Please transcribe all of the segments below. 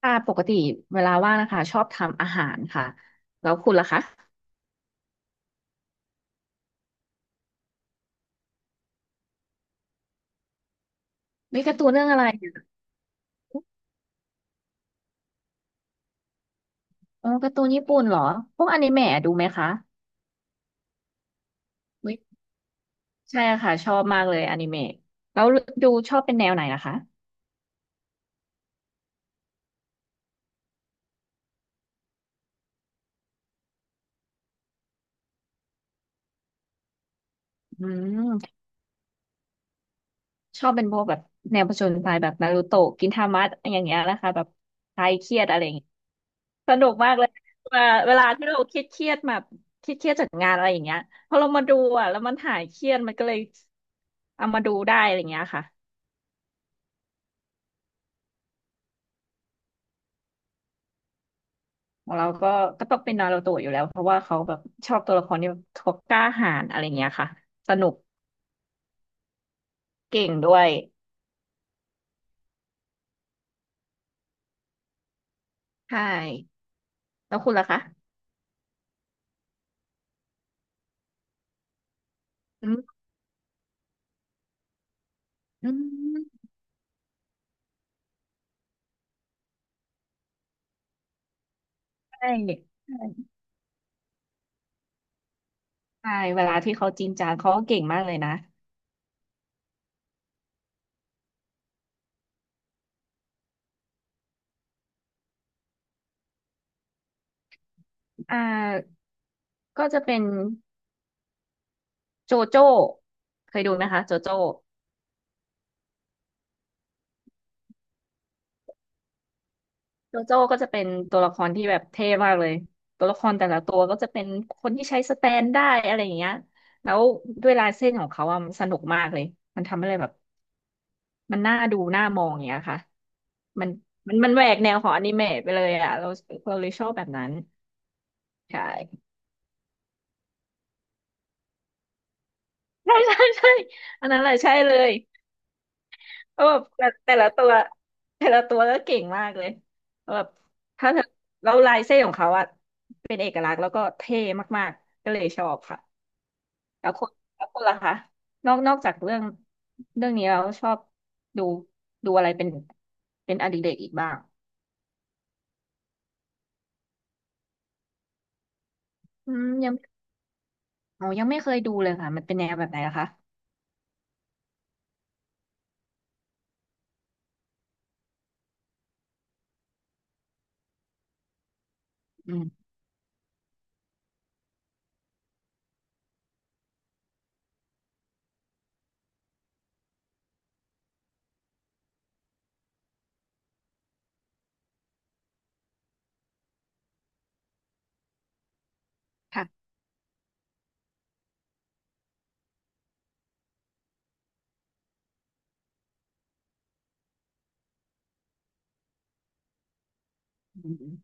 ค่ะปกติเวลาว่างนะคะชอบทำอาหารค่ะแล้วคุณล่ะคะมีการ์ตูนเรื่องอะไรอ๋อการ์ตูนญี่ปุ่นเหรอพวกอนิเมะดูไหมคะอุ๊ยใช่ค่ะชอบมากเลยอนิเมะแล้วดูชอบเป็นแนวไหนนะคะอืมชอบเป็นพวกแบบแนวผจญภัยแบบนารูโตะกินทามะอย่างเงี้ยนะคะแบบคลายเครียดอะไรอย่างเงี้ยสนุกมากเลยเวลาที่เราเครียดเครียดแบบเครียดเครียดจากงานอะไรอย่างเงี้ยพอเรามาดูอ่ะแล้วมันหายเครียดมันก็เลยเอามาดูได้อะไรอย่างเงี้ยค่ะ ของเราก็ต้องเป็นนารูโตะอยู่แล้วเพราะว่าเขาแบบชอบตัวละครที่แบบเขากล้าหาญอะไรเงี้ยค่ะสนุกเก่งด้วยใช่แล้วคุณล่ะคะอืมอืมใช่ใช่ใช่เวลาที่เขาจริงจังเขาก็เก่งมากเลยนะอ่าก็จะเป็นโจโจ้เคยดูไหมคะโจโจ้โจโจ้ก็จะเป็นตัวละครที่แบบเท่มากเลยตัวละครแต่ละตัวก็จะเป็นคนที่ใช้สแตนได้อะไรอย่างเงี้ยแล้วด้วยลายเส้นของเขาอะมันสนุกมากเลยมันทำให้เลยแบบ มันน่าดูน่ามองอย่างเงี้ยค่ะมันมันแหวกแนวของอนิเมะไปเลยอ่ะเราเลยชอบแบบนั้นใช่ใช่ใช่ใช่อันนั้นแหละใช่เลยเออแบบแต่ละตัวแต่ละตัวก็เก่งมากเลยแบบถ้าเธอแล้วลายเส้นของเขาอะเป็นเอกลักษณ์แล้วก็เท่มากๆก็เลยชอบค่ะแล้วคนแล้วคนล่ะคะนอกจากเรื่องเรื่องนี้เราชอบดูดูอะไรเป็นอดิเรกอีกบ้างอืมยัง อ๋อยังไม่เคยดูเลยค่ะมันเป็นแนวแบบไหนล่ะคะอืมค่ะอืม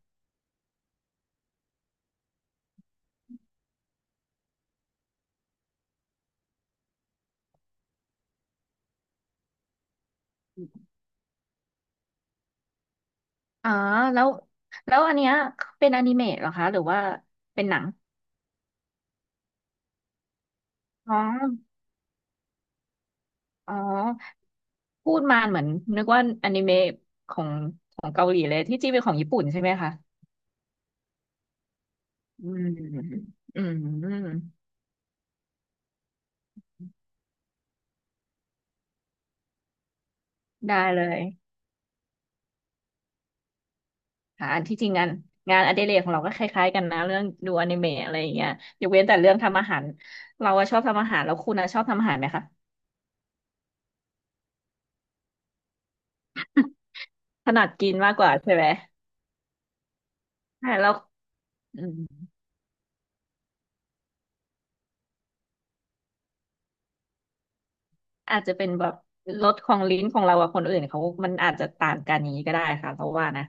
อืมอ๋อแล้วแล้วอันเนี้ยเป็นอนิเมะเหรอคะหรือว่าเป็นหนังอ๋ออ๋อพูดมาเหมือนนึกว่าอนิเมะของของเกาหลีเลยที่จริงเป็นของญี่ปุ่นใช่ไหมคะอืมอืมได้เลยค่ะอันที่จริงงานงานอดิเรกของเราก็คล้ายๆกันนะเรื่องดูอนิเมะอะไรอย่างเงี้ยยกเว้นแต่เรื่องทำอาหารเราอะชอบทำอาหารแล้วคุณอะชอบทำอาหารไหมคะ ถนัดกินมากกว่าใช่ไหม ใช่แล้วอืมอาจจะเป็นแบบรสของลิ้นของเรากับคนอื่นเขามันอาจจะต่างกันอย่างนี้ก็ได้ค่ะเพราะว่านะ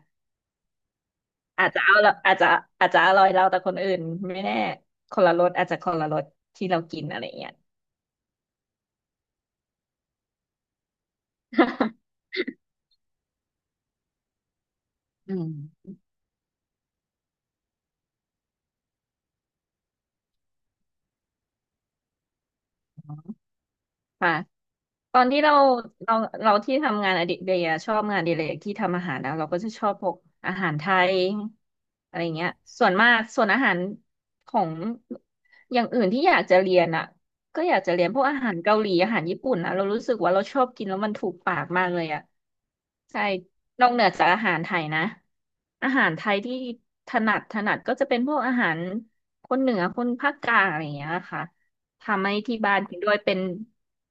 อาจจะเอาละอาจจะอาจจะอร่อยเราแต่คนอื่นไม่แน่คนละรสอาจจะคนละรสที่เรากินอะไรอย่างเงี้ย อืม ค่ะตอนที่เราเราเราที่ทำงานอดิเรกอะชอบงานอดิเรกที่ทำอาหารนะเราก็จะชอบพวกอาหารไทยอะไรเงี้ยส่วนมากส่วนอาหารของอย่างอื่นที่อยากจะเรียนอะก็อยากจะเรียนพวกอาหารเกาหลีอาหารญี่ปุ่นอะเรารู้สึกว่าเราชอบกินแล้วมันถูกปากมากเลยอะใช่นอกเหนือจากอาหารไทยนะอาหารไทยที่ถนัดถนัดก็จะเป็นพวกอาหารคนเหนือคนภาคกลางอะไรเงี้ยค่ะ ทำให้ที่บ้านกินด้วยเป็น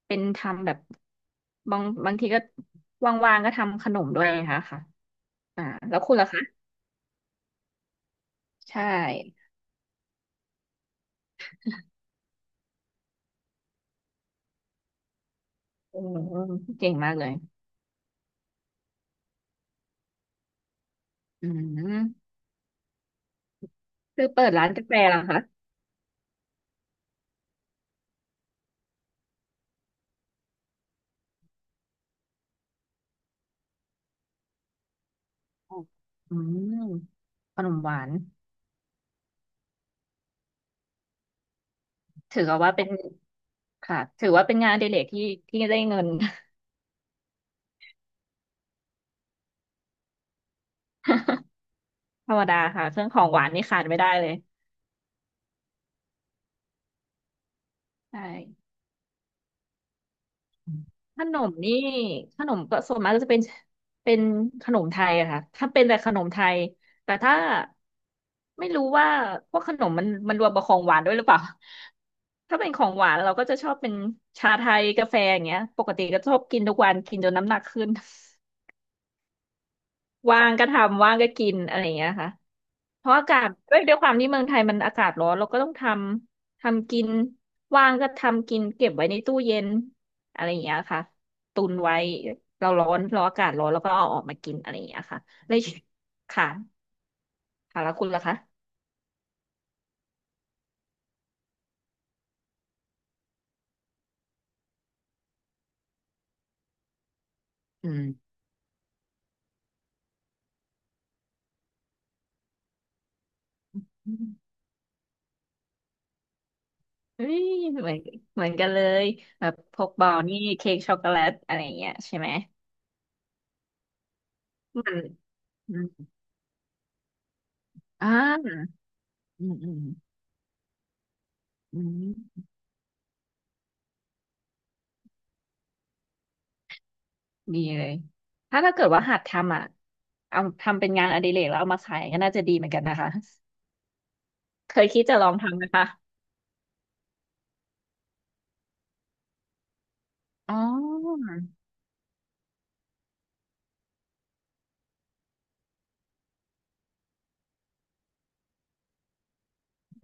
เป็นทำแบบบางทีก็ว่างๆก็ทำขนมด้วยนะคะค่ะอ่าแล้วคุณล่ะคะใช่อืมเก่งมากเลยอืมคือเปิดร้านกาแฟเหรอคะอออืมขนมหวานถือว่าเป็นค่ะถือว่าเป็นงานอดิเรกที่ที่ได้เงิน ธรรมดาค่ะเครื่องของหวานนี่ขาดไม่ได้เลยใช่ ขนมนี่ขนมก็ส่วนมากก็จะเป็นขนมไทยอะค่ะถ้าเป็นแต่ขนมไทยแต่ถ้าไม่รู้ว่าพวกขนมมันรวมกับของหวานด้วยหรือเปล่าถ้าเป็นของหวานเราก็จะชอบเป็นชาไทยกาแฟอย่างเงี้ยปกติก็ชอบกินทุกวันกินจนน้ำหนักขึ้น ว่างก็ทำว่างก็กินอะไรอย่างเงี้ยค่ะเพราะอากาศด้วยความที่เมืองไทยมันอากาศร้อนเราก็ต้องทำกินว่างก็ทำกินเก็บไว้ในตู้เย็นอะไรอย่างเงี้ยค่ะตุนไว้เราร้อนเราอากาศร้อนแล้วก็เอาออกมากินอะไรอย่างเงี้ยค่ะเลยค่ะค่ะแล้วคุณล่ะคะอืมเฮ้ยเหมือนเหมือนกันเลยแบบพกบอลนี่เค้กช็อกโกแลตอะไรอย่างเงี้ยใช่ไหมมันอมอ่าอืมอืมอืม มีเลย ถ้าถ้าเกิดว่าหัดทำอ่ะ เอาทำเป็นงานอดิเรกแล้วเอามาขายก็น่าจะดีเหมือนกันนะคะ เคยคิดจะลองทำไหมคะอ๋อ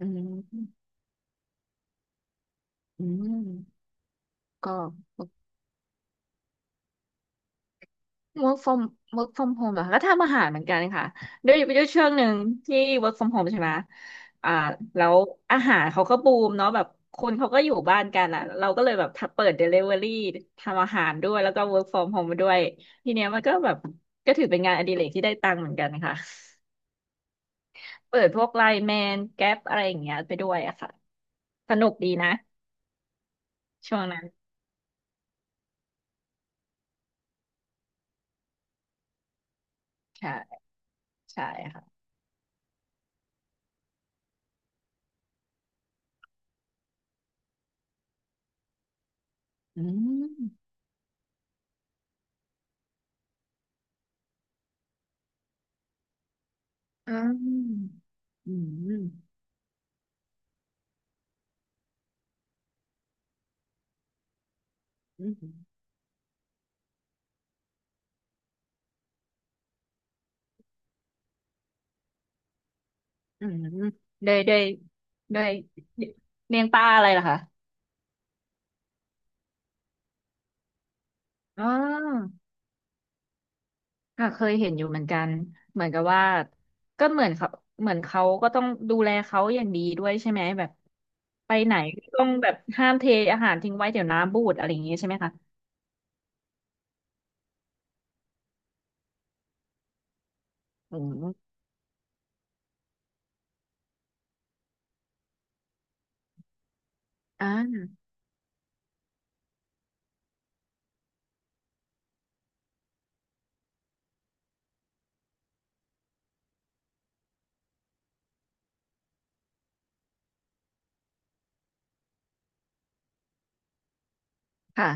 อืมอืมก็ work from work from home เหรอคะก็ทำอาหารเหมือนกันค่ะด้วยช่วงหนึ่งที่ work from home ใช่ไหมอ่าแล้วอาหารเขาก็บูมเนาะแบบคนเขาก็อยู่บ้านกันอ่ะเราก็เลยแบบเปิด delivery ทำอาหารด้วยแล้วก็ work from home มาด้วยทีเนี้ยมันก็แบบก็ถือเป็นงานอดิเรกที่ได้ตังค์เหมือนกันค่ะเปิดพวกไลน์แมนแก๊ปอะไรอย่างเงี้ยไปด้วยอะค่ะ สนุกดีนะช่วงนั้น ใช่ ใช่ค่ะ อืม อืม อืมอืม อืมด้วยด้วยด้วยเลี้ยงปลาอะไรล่ะคะอ๋อค่ะเคยเห็นอยู่เหมือนกันเหมือนกับว่าก็เหมือนเขาเหมือนเขาก็ต้องดูแลเขาอย่างดีด้วยใช่ไหมแบบไปไหนก็ต้องแบบห้ามเทอาหารทิ้งไว้เดี๋ยวน้ำบูดอะไรอย่างงี้ใช่ไหมคะอืมอ่าค่ะ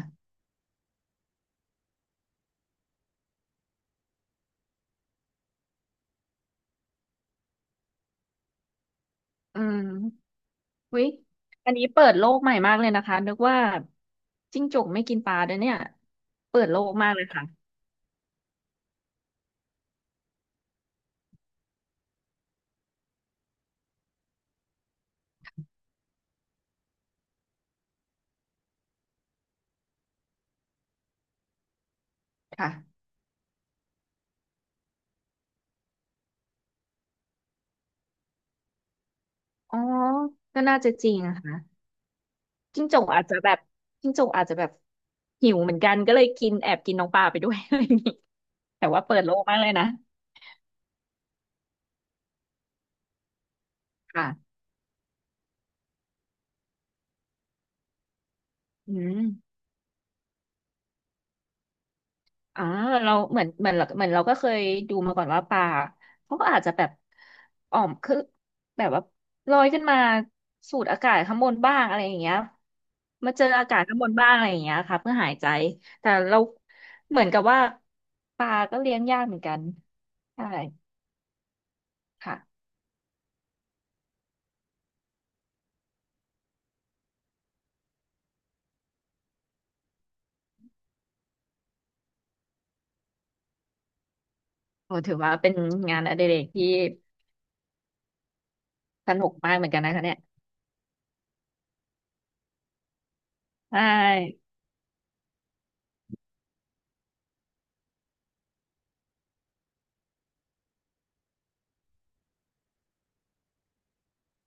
อืมวิอยอันนี้เปิดโลกใหม่มากเลยนะคะนึกว่าจิ้งจกไม่กินปลาด้วยเนี่ยเปิดโลกมากเลยค่ะค่ะอ๋อก็น่าจะจริงนะคะ จิ้งจกอาจจะแบบจิ้งจกอาจจะแบบหิวเหมือนกันก็เลยกินแอบกินน้องปลาไปด้วย อะไรอย่างนี้แต่ว่าเปิดโลกมากเลยนะค่ะอืมอ่าเราเหมือนเหมือนเราเหมือนเราก็เคยดูมาก่อนว่าปลาเขาก็อาจจะแบบอ่อมคือแบบว่าลอยขึ้นมาสูดอากาศข้างบนบ้างอะไรอย่างเงี้ยมาเจออากาศข้างบนบ้างอะไรอย่างเงี้ยค่ะเพื่อหายใจแต่เราเหมือนกับว่าปลาก็เลี้ยงยากเหมือนกันใช่ค่ะ โอ้ถือว่าเป็นงานอดิเรกที่สนุกมากเหมือนกันนะคะเนี่ยใช่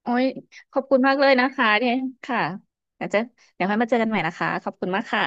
โอ้ยขอบคุณมากเลยนะคะเนี่ยค่ะเดี๋ยวจะเดี๋ยวค่อยมาเจอกันใหม่นะคะขอบคุณมากค่ะ